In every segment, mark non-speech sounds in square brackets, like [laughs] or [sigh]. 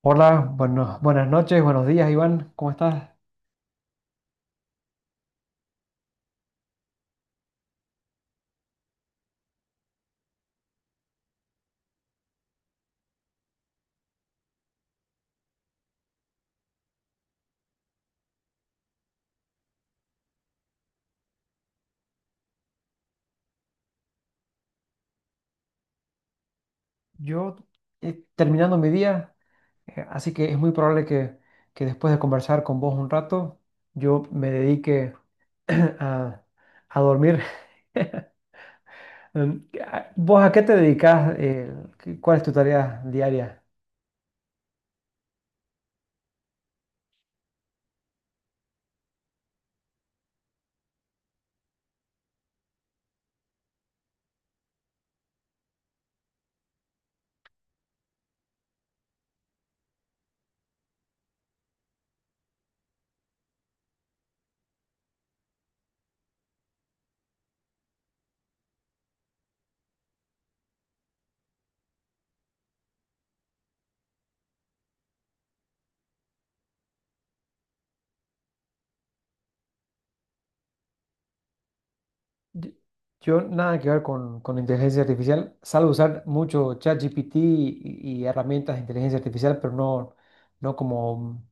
Hola, bueno, buenas noches, buenos días, Iván, ¿cómo estás? Yo terminando mi día, así que es muy probable que después de conversar con vos un rato, yo me dedique [clears throat] a, a dormir. [laughs] ¿Vos a qué te dedicas? ¿Cuál es tu tarea diaria? Yo, yo nada que ver con inteligencia artificial, salvo usar mucho ChatGPT y herramientas de inteligencia artificial, pero no como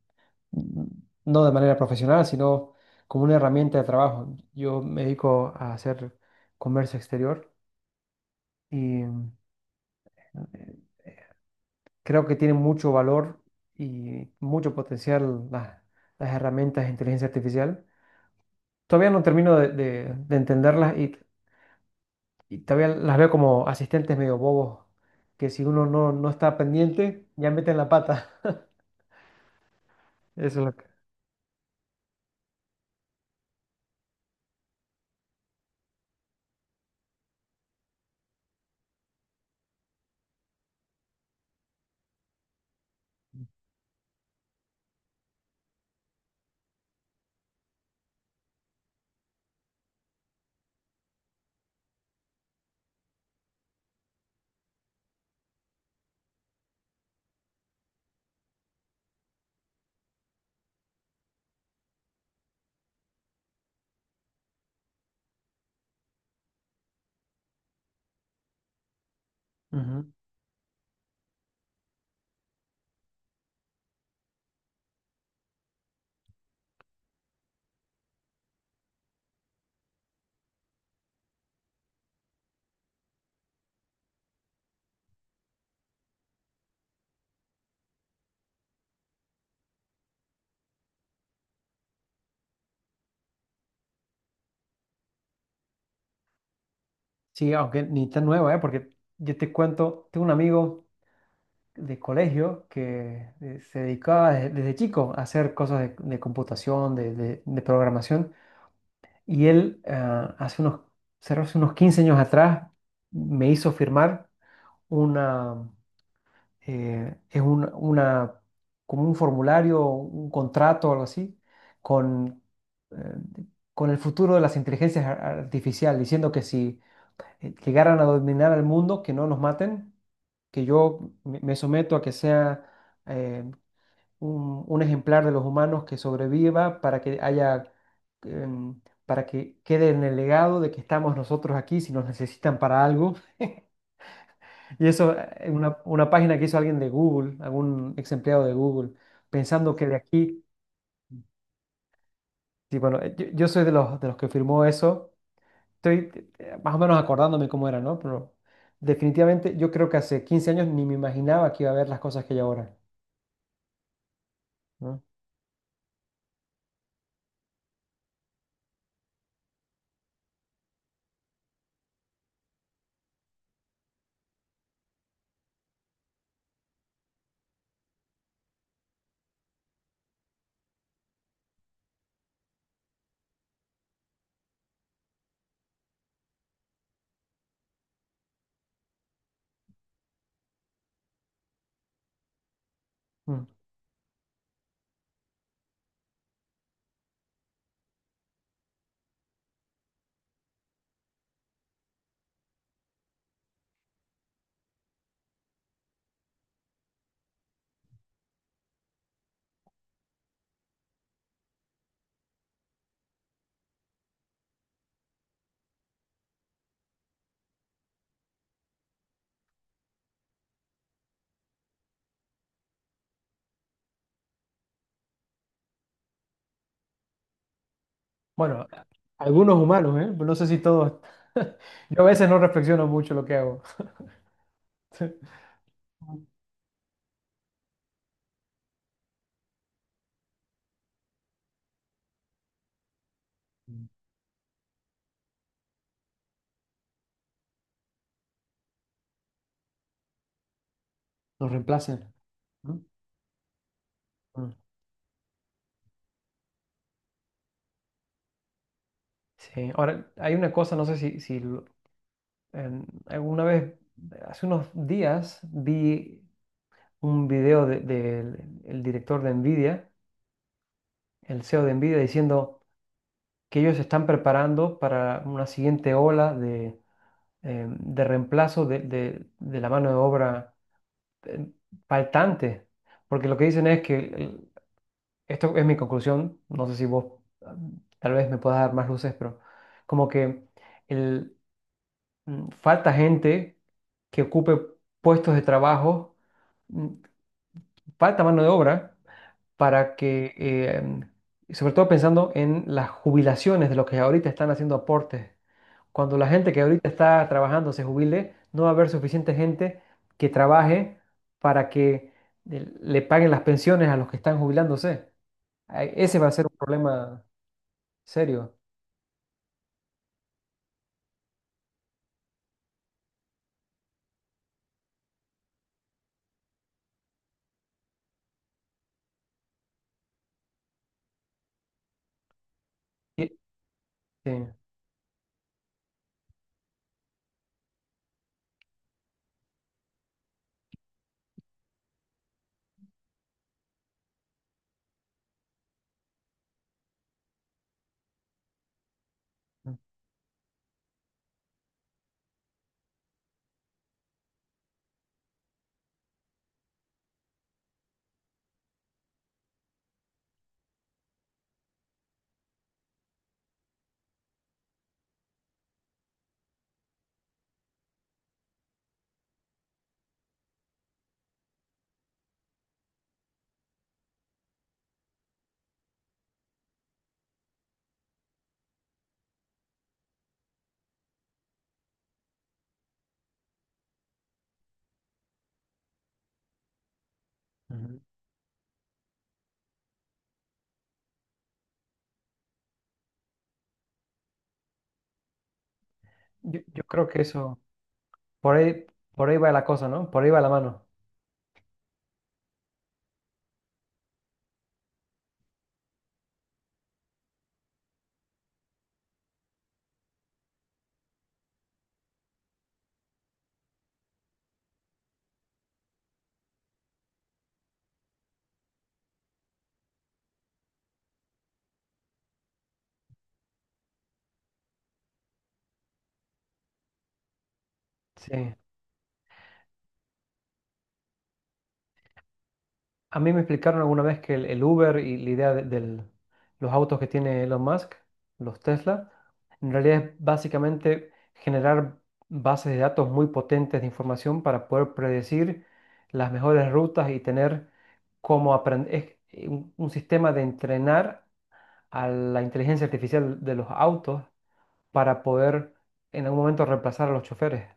mm, no de manera profesional, sino como una herramienta de trabajo. Yo me dedico a hacer comercio exterior y creo que tiene mucho valor y mucho potencial las herramientas de inteligencia artificial. Todavía no termino de entenderlas y todavía las veo como asistentes medio bobos, que si uno no está pendiente, ya meten la pata. [laughs] Eso es lo que... Ujú. Sí, aunque ni tan nueva, ¿eh? Porque yo te cuento, tengo un amigo de colegio que se dedicaba desde chico a hacer cosas de computación, de programación, y él cerró hace unos 15 años atrás me hizo firmar una, es un- una, como un formulario, un contrato o algo así, con, eh, con el futuro de las inteligencias artificiales, diciendo que si llegaran a dominar al mundo, que no nos maten, que yo me someto a que sea eh, un ejemplar de los humanos que sobreviva para que haya, em, para que quede en el legado de que estamos nosotros aquí si nos necesitan para algo. [laughs] Y eso es una página que hizo alguien de Google, algún ex empleado de Google, pensando que de aquí, sí, bueno, yo soy de los que firmó eso, estoy más o menos acordándome cómo era, ¿no? Pero definitivamente yo creo que hace 15 años ni me imaginaba que iba a haber las cosas que hay ahora, ¿no? Mm. Bueno, algunos humanos, ¿eh? No sé si todos. [laughs] Yo a veces no reflexiono mucho lo que hago. [laughs] Nos reemplacen, ¿no? Mm. Sí, ahora hay una cosa, no sé si, si lo- en- alguna vez, hace unos días, vi un video el director de Nvidia, el CEO de Nvidia, diciendo que ellos se están preparando para una siguiente ola de reemplazo de la mano de obra eh, faltante, porque lo que dicen es que esto es mi conclusión, no sé si vos mm, tal vez me puedas dar más luces, pero como que el, falta gente que ocupe puestos de trabajo, mm, falta mano de obra para que, sobre todo pensando en las jubilaciones de los que ahorita están haciendo aportes, cuando la gente que ahorita está trabajando se jubile, no va a haber suficiente gente que trabaje para que le paguen las pensiones a los que están jubilándose. Ay, ese va a ser un problema serio. Y- Sí. Ujú. Yo creo que eso, por ahí, por ahí va la cosa, ¿no? Por ahí va la mano. Sí. A mí me explicaron alguna vez que el Uber y la idea de los autos que tiene Elon Musk, los Tesla, en realidad es básicamente generar bases de datos muy potentes de información para poder predecir las mejores rutas y tener cómo aprender, un sistema de entrenar a la inteligencia artificial de los autos para poder en algún momento reemplazar a los choferes.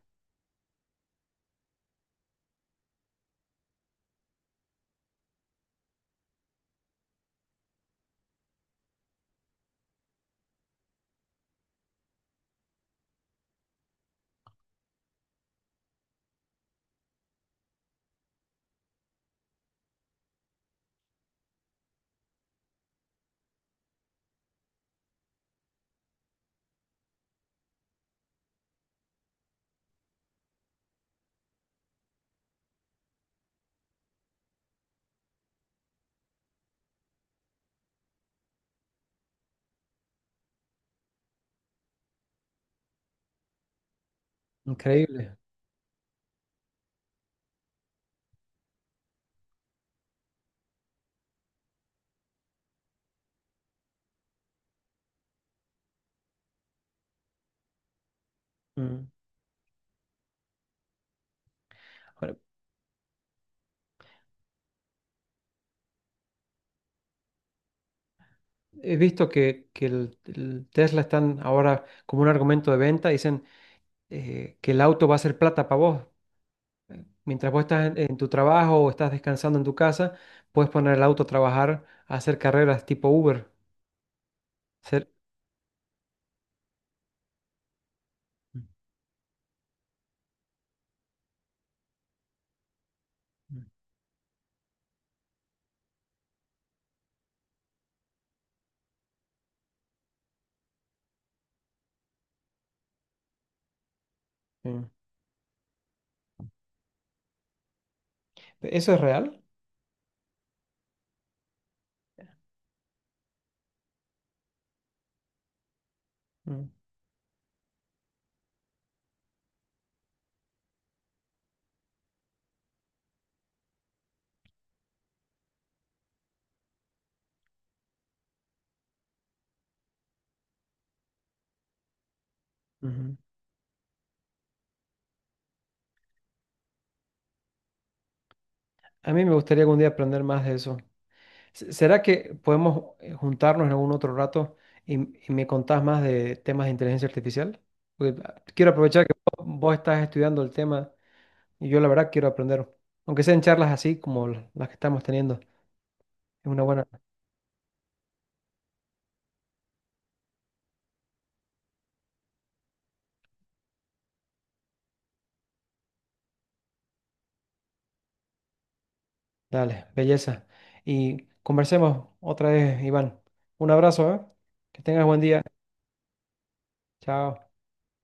Increíble. Mm. Ahora, he visto que el Tesla están ahora como un argumento de venta, dicen que el auto va a ser plata para vos. Mientras vos estás en tu trabajo o estás descansando en tu casa, puedes poner el auto a trabajar, a hacer carreras tipo Uber. Ser- Mm, mm. Mm. ¿Eso es real? Mm. Ujú. A mí me gustaría algún día aprender más de eso. Se- ¿Será que podemos juntarnos en algún otro rato y, y me contás más de temas de inteligencia artificial? Porque quiero aprovechar que vos estás estudiando el tema y yo la verdad quiero aprender, aunque sean charlas así como las que estamos teniendo. Es una buena, dale, belleza. Y conversemos otra vez, Iván. Un abrazo, ¿eh? Que tengas buen día. Chao.